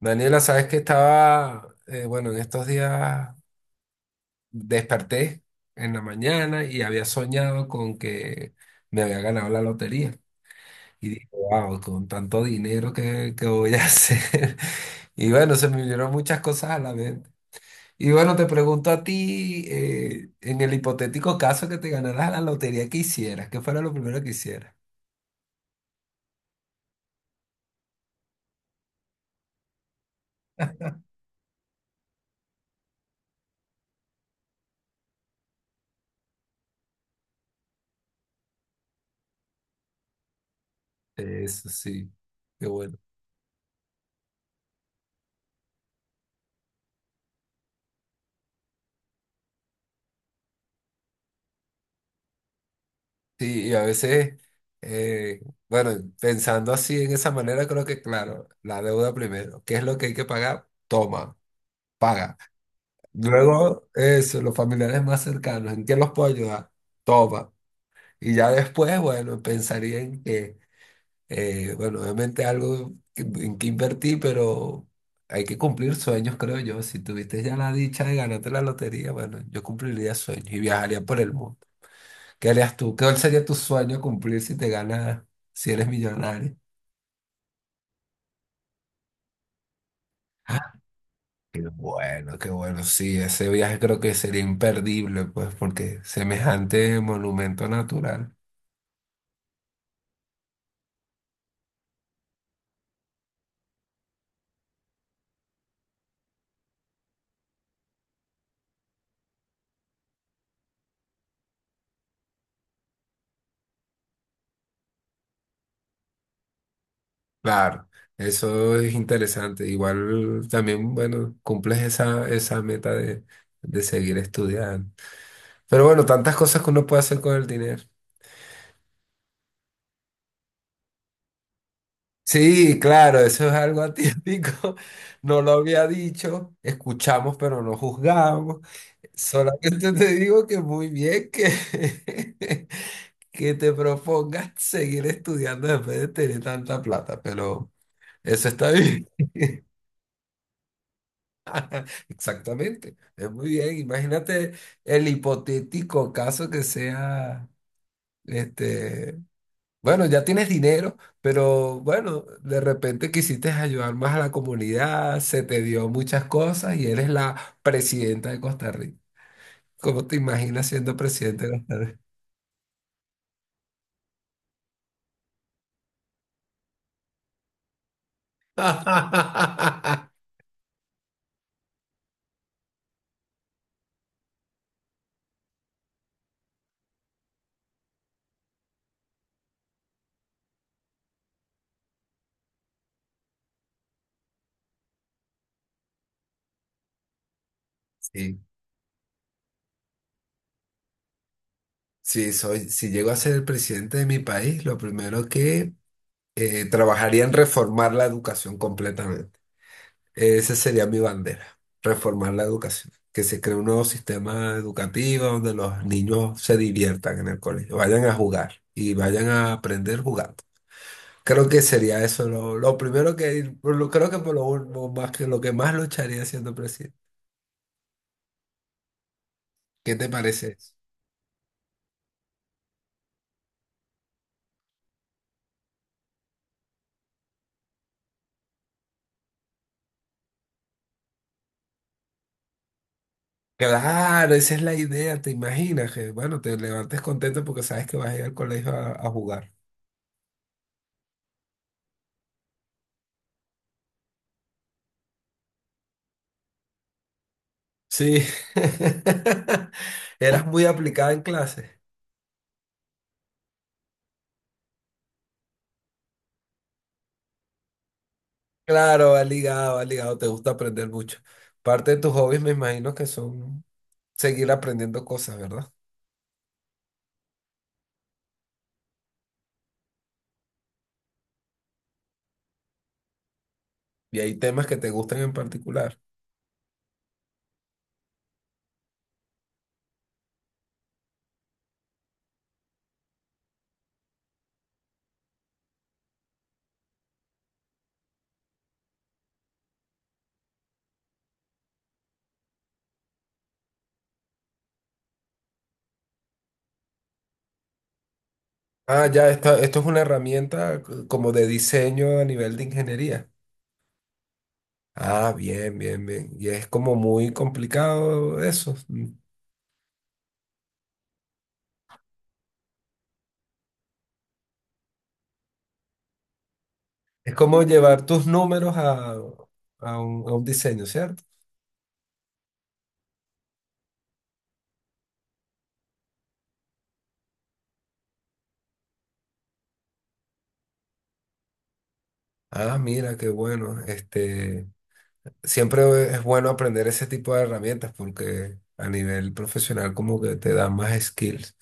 Daniela, sabes que estaba, bueno, en estos días desperté en la mañana y había soñado con que me había ganado la lotería. Y dije, wow, con tanto dinero que voy a hacer. Y bueno, se me vinieron muchas cosas a la mente. Y bueno, te pregunto a ti, en el hipotético caso que te ganaras la lotería, ¿qué hicieras? ¿Qué fuera lo primero que hicieras? Eso sí, qué bueno. Sí, y a veces, eh, bueno, pensando así en esa manera, creo que claro, la deuda primero, ¿qué es lo que hay que pagar? Toma, paga. Luego, eso, los familiares más cercanos, ¿en qué los puedo ayudar? Toma. Y ya después, bueno, pensaría en bueno, obviamente en que invertí, pero hay que cumplir sueños, creo yo. Si tuviste ya la dicha de ganarte la lotería, bueno, yo cumpliría sueños y viajaría por el mundo. ¿Qué harías tú? ¿Cuál sería tu sueño cumplir si te ganas, si eres millonario? Ah, qué bueno, qué bueno. Sí, ese viaje creo que sería imperdible, pues, porque semejante monumento natural. Claro, eso es interesante. Igual también, bueno, cumples esa meta de seguir estudiando. Pero bueno, tantas cosas que uno puede hacer con el dinero. Sí, claro, eso es algo atípico. No lo había dicho. Escuchamos, pero no juzgamos. Solamente te digo que muy bien que, que te propongas seguir estudiando después de tener tanta plata, pero eso está bien. Exactamente, es muy bien. Imagínate el hipotético caso que sea, este, bueno, ya tienes dinero, pero bueno, de repente quisiste ayudar más a la comunidad, se te dio muchas cosas y eres la presidenta de Costa Rica. ¿Cómo te imaginas siendo presidente de Costa Rica? Sí, sí, soy, si llego a ser el presidente de mi país, lo primero que trabajaría en reformar la educación completamente. Esa sería mi bandera, reformar la educación. Que se cree un nuevo sistema educativo donde los niños se diviertan en el colegio, vayan a jugar y vayan a aprender jugando. Creo que sería eso lo primero que, creo que lo más que más lucharía siendo presidente. ¿Qué te parece eso? Claro, esa es la idea, te imaginas que, bueno, te levantes contento porque sabes que vas a ir al colegio a jugar. Sí, eras muy aplicada en clase. Claro, va ligado, te gusta aprender mucho. Parte de tus hobbies me imagino que son seguir aprendiendo cosas, ¿verdad? Y hay temas que te gustan en particular. Ah, ya, esto es una como de diseño a nivel de ingeniería. Ah, bien, bien, bien. Y es como muy complicado eso. Es como llevar tus números a un diseño, ¿cierto? Ah, mira, qué bueno. Este, siempre es bueno aprender ese tipo de herramientas porque a nivel profesional como que te dan más skills.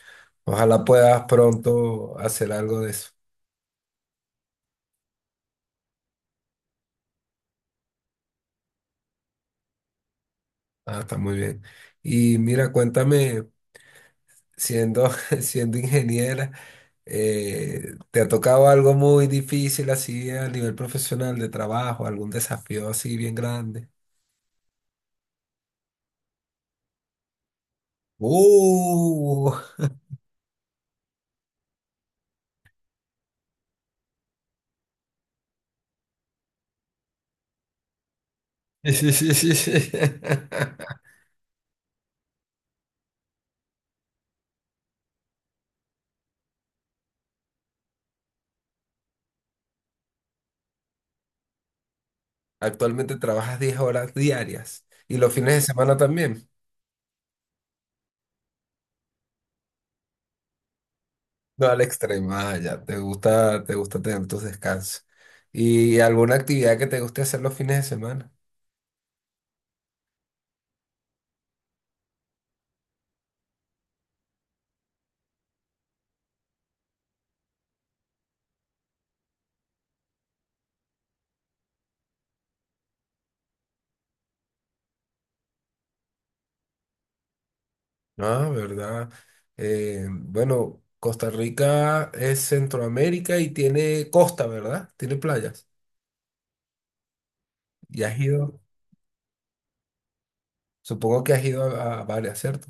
Ojalá puedas pronto hacer algo de eso. Ah, está muy bien. Y mira, cuéntame, siendo, siendo ingeniera, ¿te ha tocado algo muy difícil así a nivel profesional de trabajo, algún desafío así bien grande? ¡Uh! Sí, sí, sí, sí, sí. Actualmente trabajas 10 horas diarias y los fines de semana también. No, al extremo, ah, ya, te gusta tener tus descansos. ¿Y alguna actividad que te guste hacer los fines de semana? Ah, verdad. Bueno, Costa Rica es Centroamérica y tiene costa, ¿verdad? Tiene playas. Y has ido, supongo que has ido a varias, ¿cierto?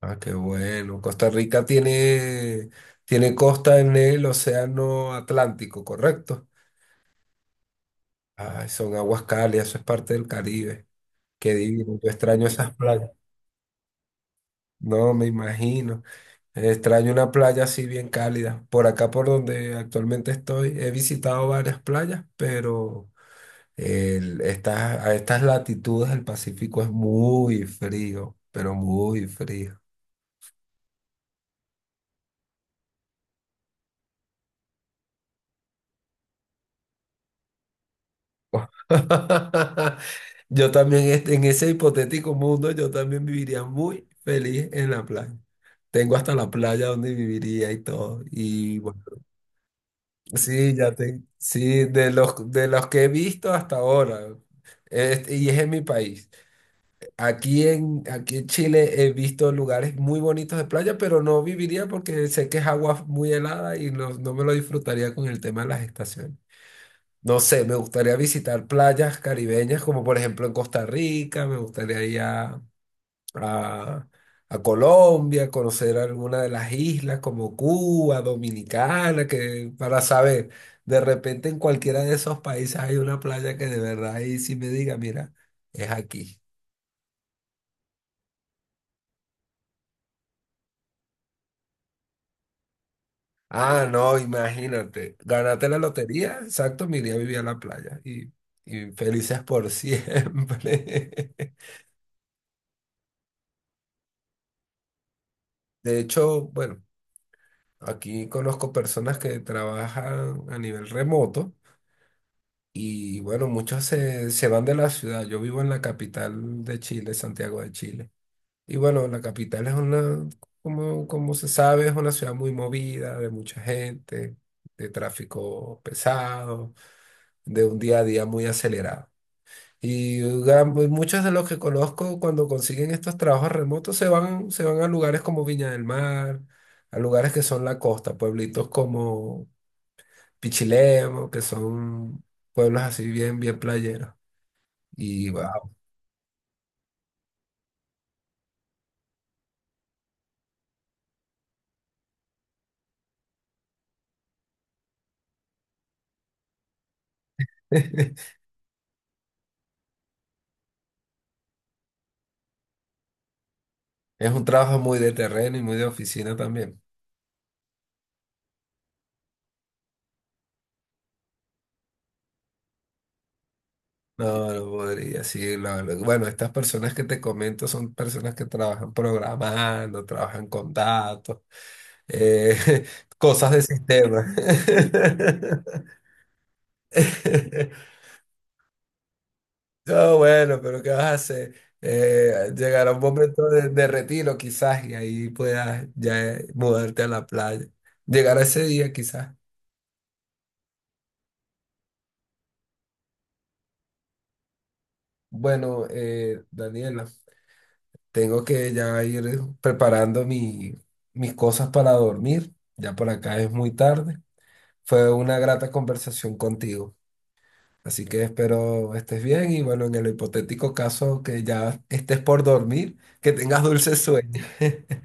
Ah, qué bueno. Costa Rica tiene, tiene costa en el Océano Atlántico, ¿correcto? Ay, son aguas cálidas, eso es parte del Caribe. Qué divino, yo extraño esas playas. No, me imagino. Extraño una playa así bien cálida. Por acá, por donde actualmente estoy, he visitado varias playas, pero estas, a estas latitudes el Pacífico es muy frío, pero muy frío. Yo también, en ese hipotético mundo, yo también viviría muy feliz en la playa. Tengo hasta la playa donde viviría y todo. Y bueno, sí, ya te, sí, de los que he visto hasta ahora, este, y es en mi país. Aquí en Chile he visto lugares muy bonitos de playa, pero no viviría porque sé que es agua muy helada y no, no me lo disfrutaría con el tema de las estaciones. No sé, me gustaría visitar playas caribeñas, como por ejemplo en Costa Rica, me gustaría ir a- a Colombia, conocer alguna de las islas como Cuba, Dominicana, que para saber, de repente en cualquiera de esos países hay una playa que de verdad ahí sí me diga, mira, es aquí. Ah, no, imagínate, ganaste la lotería, exacto, me iría a vivir a la playa y felices por siempre. De hecho, bueno. Aquí conozco personas que trabajan a nivel remoto y bueno, muchos se van de la ciudad. Yo vivo en la capital de Chile, Santiago de Chile. Y bueno, la capital es una, como, como se sabe, es una ciudad muy movida, de mucha gente, de tráfico pesado, de un día a día muy acelerado. Y pues, muchos de los que conozco cuando consiguen estos trabajos remotos se van a lugares como Viña del Mar, a lugares que son la costa, pueblitos como Pichilemu, que son pueblos así bien, bien playeros. Y wow, es un trabajo muy de terreno y muy de oficina también. No, no podría, sí, la- la- Bueno, estas personas que te comento son personas que trabajan programando, trabajan con datos, eh, cosas de sistema. No, bueno, pero ¿qué vas a hacer? Llegará un momento de retiro quizás y ahí puedas ya, mudarte a la playa. Llegará ese día quizás. Bueno, Daniela, tengo que ya ir preparando mi, mis cosas para dormir. Ya por acá es muy tarde. Fue una grata conversación contigo. Así que espero estés bien y bueno, en el hipotético caso que ya estés por dormir, que tengas dulces sueños.